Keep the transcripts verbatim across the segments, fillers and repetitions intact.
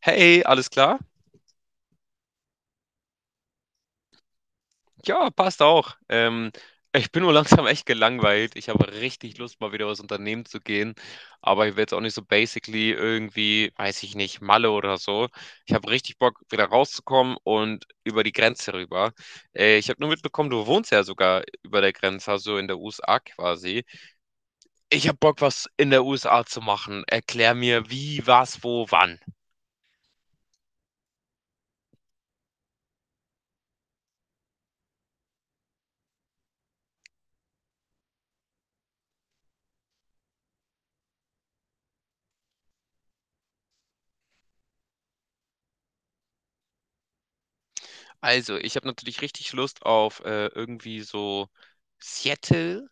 Hey, alles klar? Ja, passt auch. Ähm, ich bin nur langsam echt gelangweilt. Ich habe richtig Lust, mal wieder was unternehmen zu gehen. Aber ich will jetzt auch nicht so basically irgendwie, weiß ich nicht, Malle oder so. Ich habe richtig Bock, wieder rauszukommen und über die Grenze rüber. Äh, ich habe nur mitbekommen, du wohnst ja sogar über der Grenze, also in der U S A quasi. Ich habe Bock, was in der U S A zu machen. Erklär mir, wie, was, wo, wann. Also, ich habe natürlich richtig Lust auf äh, irgendwie so. Seattle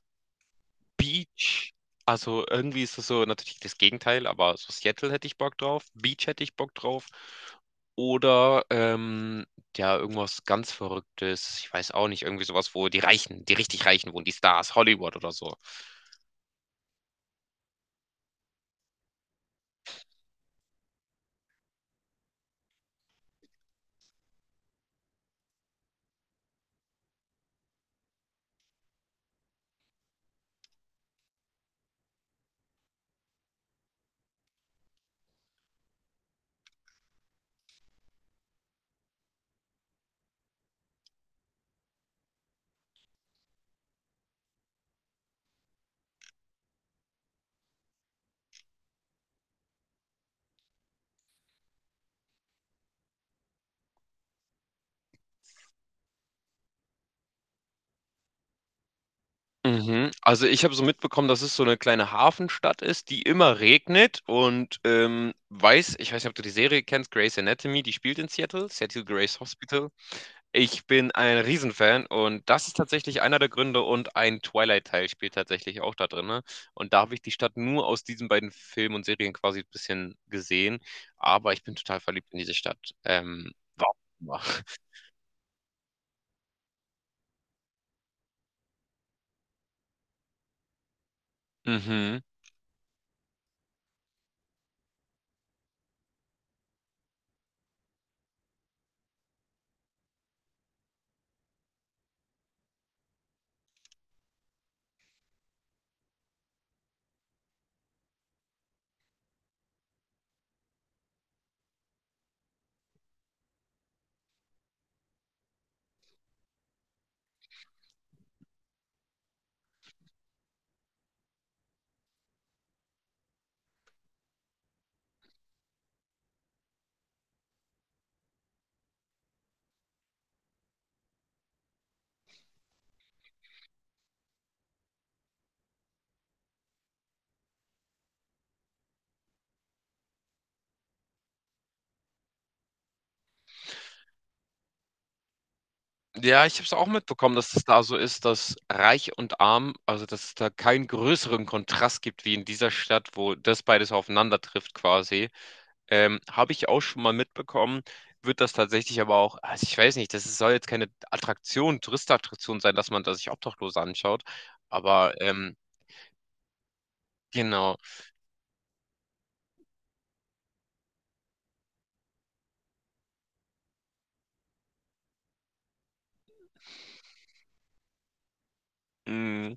Beach, also irgendwie ist es so natürlich das Gegenteil, aber so Seattle hätte ich Bock drauf, Beach hätte ich Bock drauf. Oder ähm, ja, irgendwas ganz Verrücktes, ich weiß auch nicht, irgendwie sowas, wo die Reichen, die richtig Reichen wohnen, die Stars, Hollywood oder so. Mhm. Also ich habe so mitbekommen, dass es so eine kleine Hafenstadt ist, die immer regnet und ähm, weiß, ich weiß nicht, ob du die Serie kennst, Grey's Anatomy, die spielt in Seattle, Seattle Grey's Hospital. Ich bin ein Riesenfan und das ist tatsächlich einer der Gründe und ein Twilight-Teil spielt tatsächlich auch da drin. Ne? Und da habe ich die Stadt nur aus diesen beiden Filmen und Serien quasi ein bisschen gesehen, aber ich bin total verliebt in diese Stadt. Ähm, warum auch immer. Mhm. Ja, ich habe es auch mitbekommen, dass es da so ist, dass reich und arm, also dass es da keinen größeren Kontrast gibt wie in dieser Stadt, wo das beides aufeinander trifft quasi. Ähm, habe ich auch schon mal mitbekommen, wird das tatsächlich aber auch, also ich weiß nicht, das ist- soll jetzt keine Attraktion, Touristenattraktion sein, dass man da sich Obdachlose anschaut, aber ähm, genau. Mm.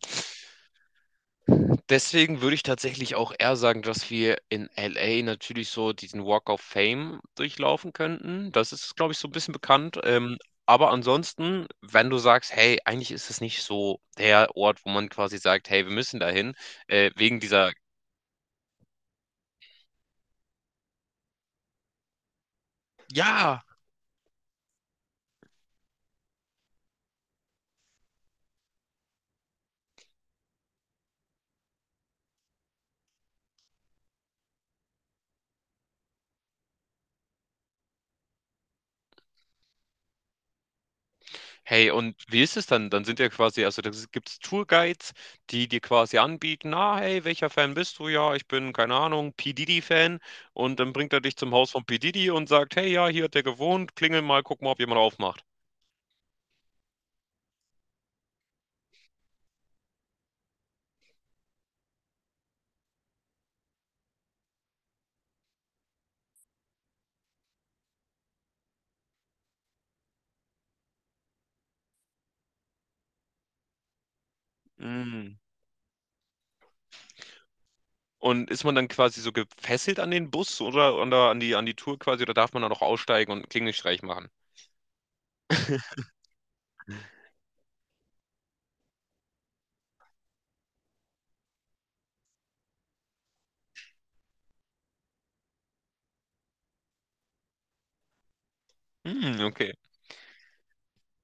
Deswegen würde ich tatsächlich auch eher sagen, dass wir in L A natürlich so diesen Walk of Fame durchlaufen könnten. Das ist, glaube ich, so ein bisschen bekannt. Ähm, aber ansonsten, wenn du sagst, hey, eigentlich ist es nicht so der Ort, wo man quasi sagt, hey, wir müssen dahin, äh, wegen dieser, ja. Hey, und wie ist es dann? Dann sind ja quasi, also da gibt es Tourguides, die dir quasi anbieten, na, hey, welcher Fan bist du? Ja, ich bin, keine Ahnung, P. Diddy-Fan. Und dann bringt er dich zum Haus von P. Diddy und sagt, hey, ja, hier hat er gewohnt, klingel mal, guck mal, ob jemand aufmacht. Mm. Und ist man dann quasi so gefesselt an den Bus oder, oder an die, an die Tour quasi, oder darf man da noch aussteigen und einen Klingelstreich machen? Hm, okay.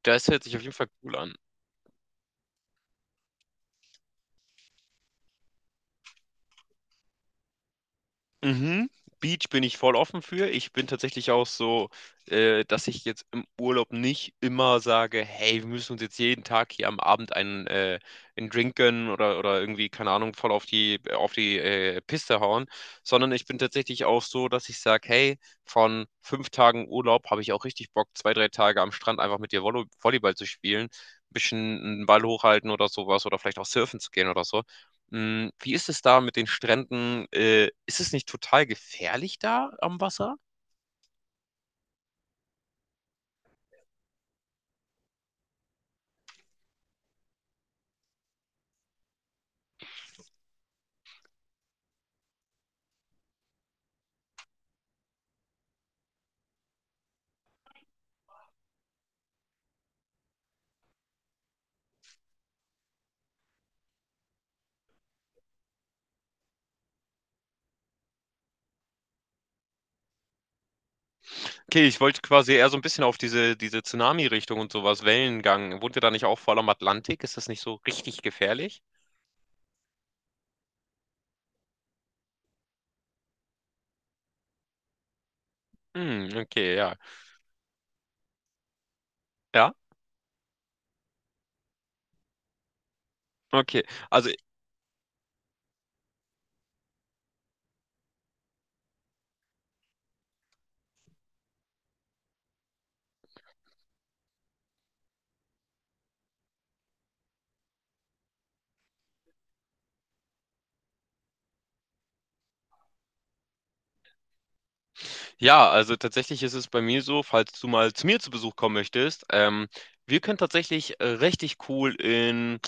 Das hört sich auf jeden Fall cool an. Mhm. Beach bin ich voll offen für. Ich bin tatsächlich auch so, äh, dass ich jetzt im Urlaub nicht immer sage, hey, wir müssen uns jetzt jeden Tag hier am Abend einen, äh, einen Drink gönnen oder, oder irgendwie, keine Ahnung, voll auf die, auf die äh, Piste hauen, sondern ich bin tatsächlich auch so, dass ich sage, hey, von fünf Tagen Urlaub habe ich auch richtig Bock, zwei, drei Tage am Strand einfach mit dir Volley Volleyball zu spielen, ein bisschen einen Ball hochhalten oder sowas oder vielleicht auch surfen zu gehen oder so. Hm, wie ist es da mit den Stränden? Äh, ist es nicht total gefährlich da am Wasser? Okay, ich wollte quasi eher so ein bisschen auf diese diese Tsunami-Richtung und sowas Wellengang. Wohnt ihr da nicht auch voll am Atlantik? Ist das nicht so richtig gefährlich? Hm, okay, ja. Ja? Okay. Also ja, also tatsächlich ist es bei mir so, falls du mal zu mir zu Besuch kommen möchtest, ähm, wir können tatsächlich äh, richtig cool in,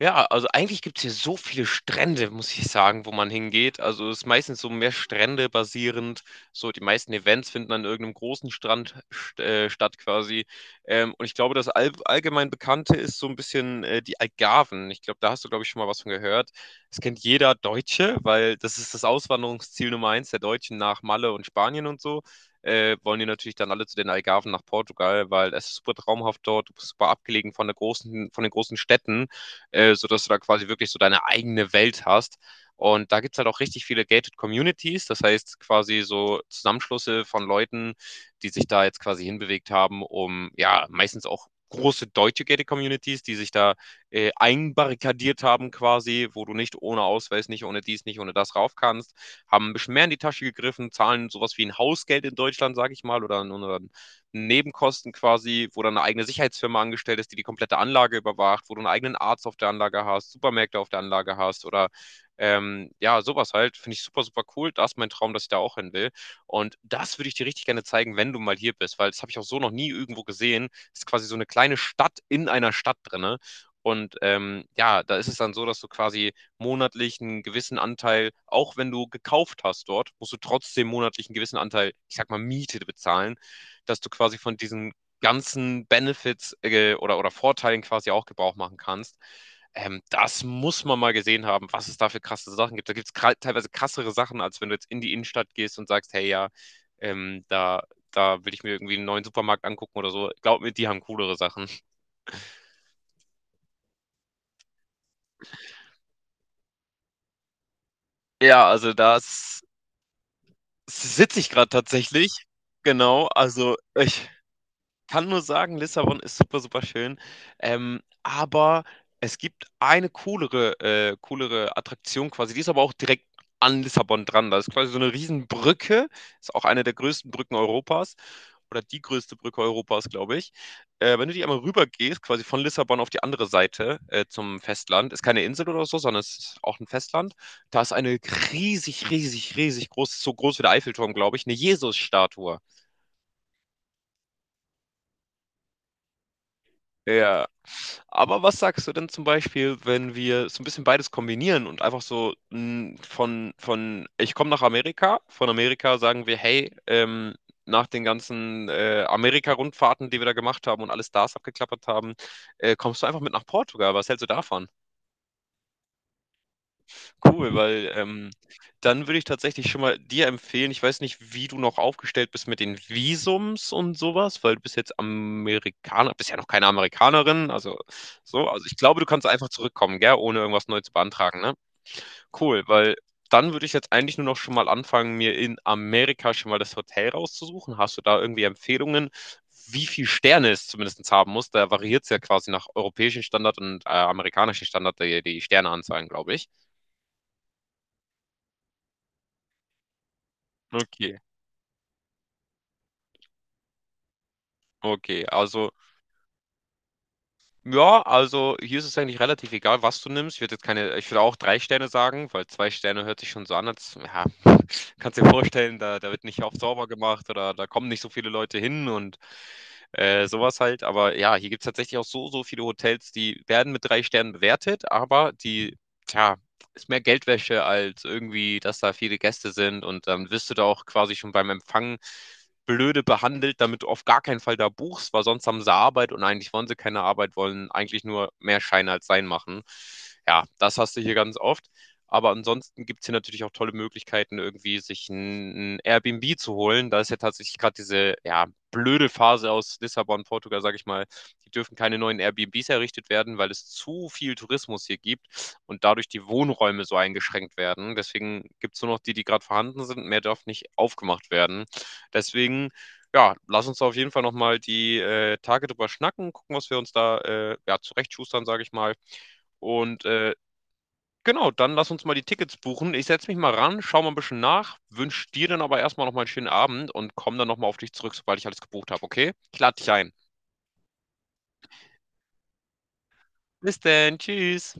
ja, also eigentlich gibt es hier so viele Strände, muss ich sagen, wo man hingeht. Also es ist meistens so mehr Strände basierend. So die meisten Events finden an irgendeinem großen Strand st äh, statt quasi. Ähm, und ich glaube, das all allgemein Bekannte ist so ein bisschen äh, die Algarven. Ich glaube, da hast du, glaube ich, schon mal was von gehört. Das kennt jeder Deutsche, weil das ist das Auswanderungsziel Nummer eins der Deutschen nach Malle und Spanien und so. Äh, wollen die natürlich dann alle zu den Algarven nach Portugal, weil es ist super traumhaft dort, du bist super abgelegen von der großen, von den großen Städten, äh, sodass du da quasi wirklich so deine eigene Welt hast. Und da gibt es halt auch richtig viele Gated Communities, das heißt quasi so Zusammenschlüsse von Leuten, die sich da jetzt quasi hinbewegt haben, um ja meistens auch große deutsche Gated Communities, die sich da äh, einbarrikadiert haben quasi, wo du nicht ohne Ausweis, nicht ohne dies, nicht ohne das rauf kannst, haben ein bisschen mehr in die Tasche gegriffen, zahlen sowas wie ein Hausgeld in Deutschland, sage ich mal, oder, oder Nebenkosten quasi, wo dann eine eigene Sicherheitsfirma angestellt ist, die die komplette Anlage überwacht, wo du einen eigenen Arzt auf der Anlage hast, Supermärkte auf der Anlage hast oder ähm, ja, sowas halt. Finde ich super, super cool. Das ist mein Traum, dass ich da auch hin will. Und das würde ich dir richtig gerne zeigen, wenn du mal hier bist, weil das habe ich auch so noch nie irgendwo gesehen. Das ist quasi so eine kleine Stadt in einer Stadt drin, und ähm, ja, da ist es dann so, dass du quasi monatlich einen gewissen Anteil, auch wenn du gekauft hast dort, musst du trotzdem monatlich einen gewissen Anteil, ich sag mal, Miete bezahlen, dass du quasi von diesen ganzen Benefits äh, oder, oder Vorteilen quasi auch Gebrauch machen kannst. Ähm, das muss man mal gesehen haben, was es da für krasse Sachen gibt. Da gibt es teilweise krassere Sachen, als wenn du jetzt in die Innenstadt gehst und sagst, hey ja, ähm, da, da will ich mir irgendwie einen neuen Supermarkt angucken oder so. Glaub mir, die haben coolere Sachen. Ja, also das sitze ich gerade tatsächlich. Genau, also ich kann nur sagen, Lissabon ist super, super schön. Ähm, aber es gibt eine coolere, äh, coolere Attraktion quasi. Die ist aber auch direkt an Lissabon dran. Da ist quasi so eine Riesenbrücke. Ist auch eine der größten Brücken Europas. Oder die größte Brücke Europas, glaube ich. Äh, wenn du die einmal rüber gehst, quasi von Lissabon auf die andere Seite äh, zum Festland, ist keine Insel oder so, sondern es ist auch ein Festland. Da ist eine riesig, riesig, riesig groß, so groß wie der Eiffelturm, glaube ich, eine Jesusstatue. Ja. Aber was sagst du denn zum Beispiel, wenn wir so ein bisschen beides kombinieren und einfach so mm, von, von ich komme nach Amerika, von Amerika sagen wir, hey, ähm, nach den ganzen äh, Amerika-Rundfahrten, die wir da gemacht haben und alle Stars abgeklappert haben, äh, kommst du einfach mit nach Portugal. Was hältst du davon? Cool, weil, ähm, dann würde ich tatsächlich schon mal dir empfehlen, ich weiß nicht, wie du noch aufgestellt bist mit den Visums und sowas, weil du bist jetzt Amerikaner, bist ja noch keine Amerikanerin, also so. Also, ich glaube, du kannst einfach zurückkommen, gell, ohne irgendwas neu zu beantragen, ne? Cool, weil dann würde ich jetzt eigentlich nur noch schon mal anfangen, mir in Amerika schon mal das Hotel rauszusuchen. Hast du da irgendwie Empfehlungen, wie viel Sterne es zumindestens haben muss? Da variiert es ja quasi nach europäischen Standard und, äh, amerikanischen Standard die die Sterneanzahlen, glaube ich. Okay. Okay, also, ja, also hier ist es eigentlich relativ egal, was du nimmst. Ich würde jetzt keine, ich würde auch drei Sterne sagen, weil zwei Sterne hört sich schon so an, als, ja, kannst dir vorstellen, da, da wird nicht oft sauber gemacht oder da kommen nicht so viele Leute hin und äh, sowas halt. Aber ja, hier gibt es tatsächlich auch so, so viele Hotels, die werden mit drei Sternen bewertet, aber die, tja, ist mehr Geldwäsche als irgendwie, dass da viele Gäste sind und dann wirst du da auch quasi schon beim Empfang blöde behandelt, damit du auf gar keinen Fall da buchst, weil sonst haben sie Arbeit und eigentlich wollen sie keine Arbeit, wollen eigentlich nur mehr Schein als Sein machen. Ja, das hast du hier ganz oft. Aber ansonsten gibt es hier natürlich auch tolle Möglichkeiten, irgendwie sich ein, ein Airbnb zu holen. Da ist ja tatsächlich gerade diese ja, blöde Phase aus Lissabon, Portugal, sage ich mal. Die dürfen keine neuen Airbnbs errichtet werden, weil es zu viel Tourismus hier gibt und dadurch die Wohnräume so eingeschränkt werden. Deswegen gibt es nur noch die, die gerade vorhanden sind. Mehr darf nicht aufgemacht werden. Deswegen, ja, lass uns da auf jeden Fall nochmal die äh, Tage drüber schnacken, gucken, was wir uns da äh, ja, zurechtschustern, sage ich mal. Und äh, genau, dann lass uns mal die Tickets buchen. Ich setze mich mal ran, schau mal ein bisschen nach, wünsche dir dann aber erstmal nochmal einen schönen Abend und komm dann nochmal auf dich zurück, sobald ich alles gebucht habe, okay? Ich lade dich ein. Bis dann, tschüss.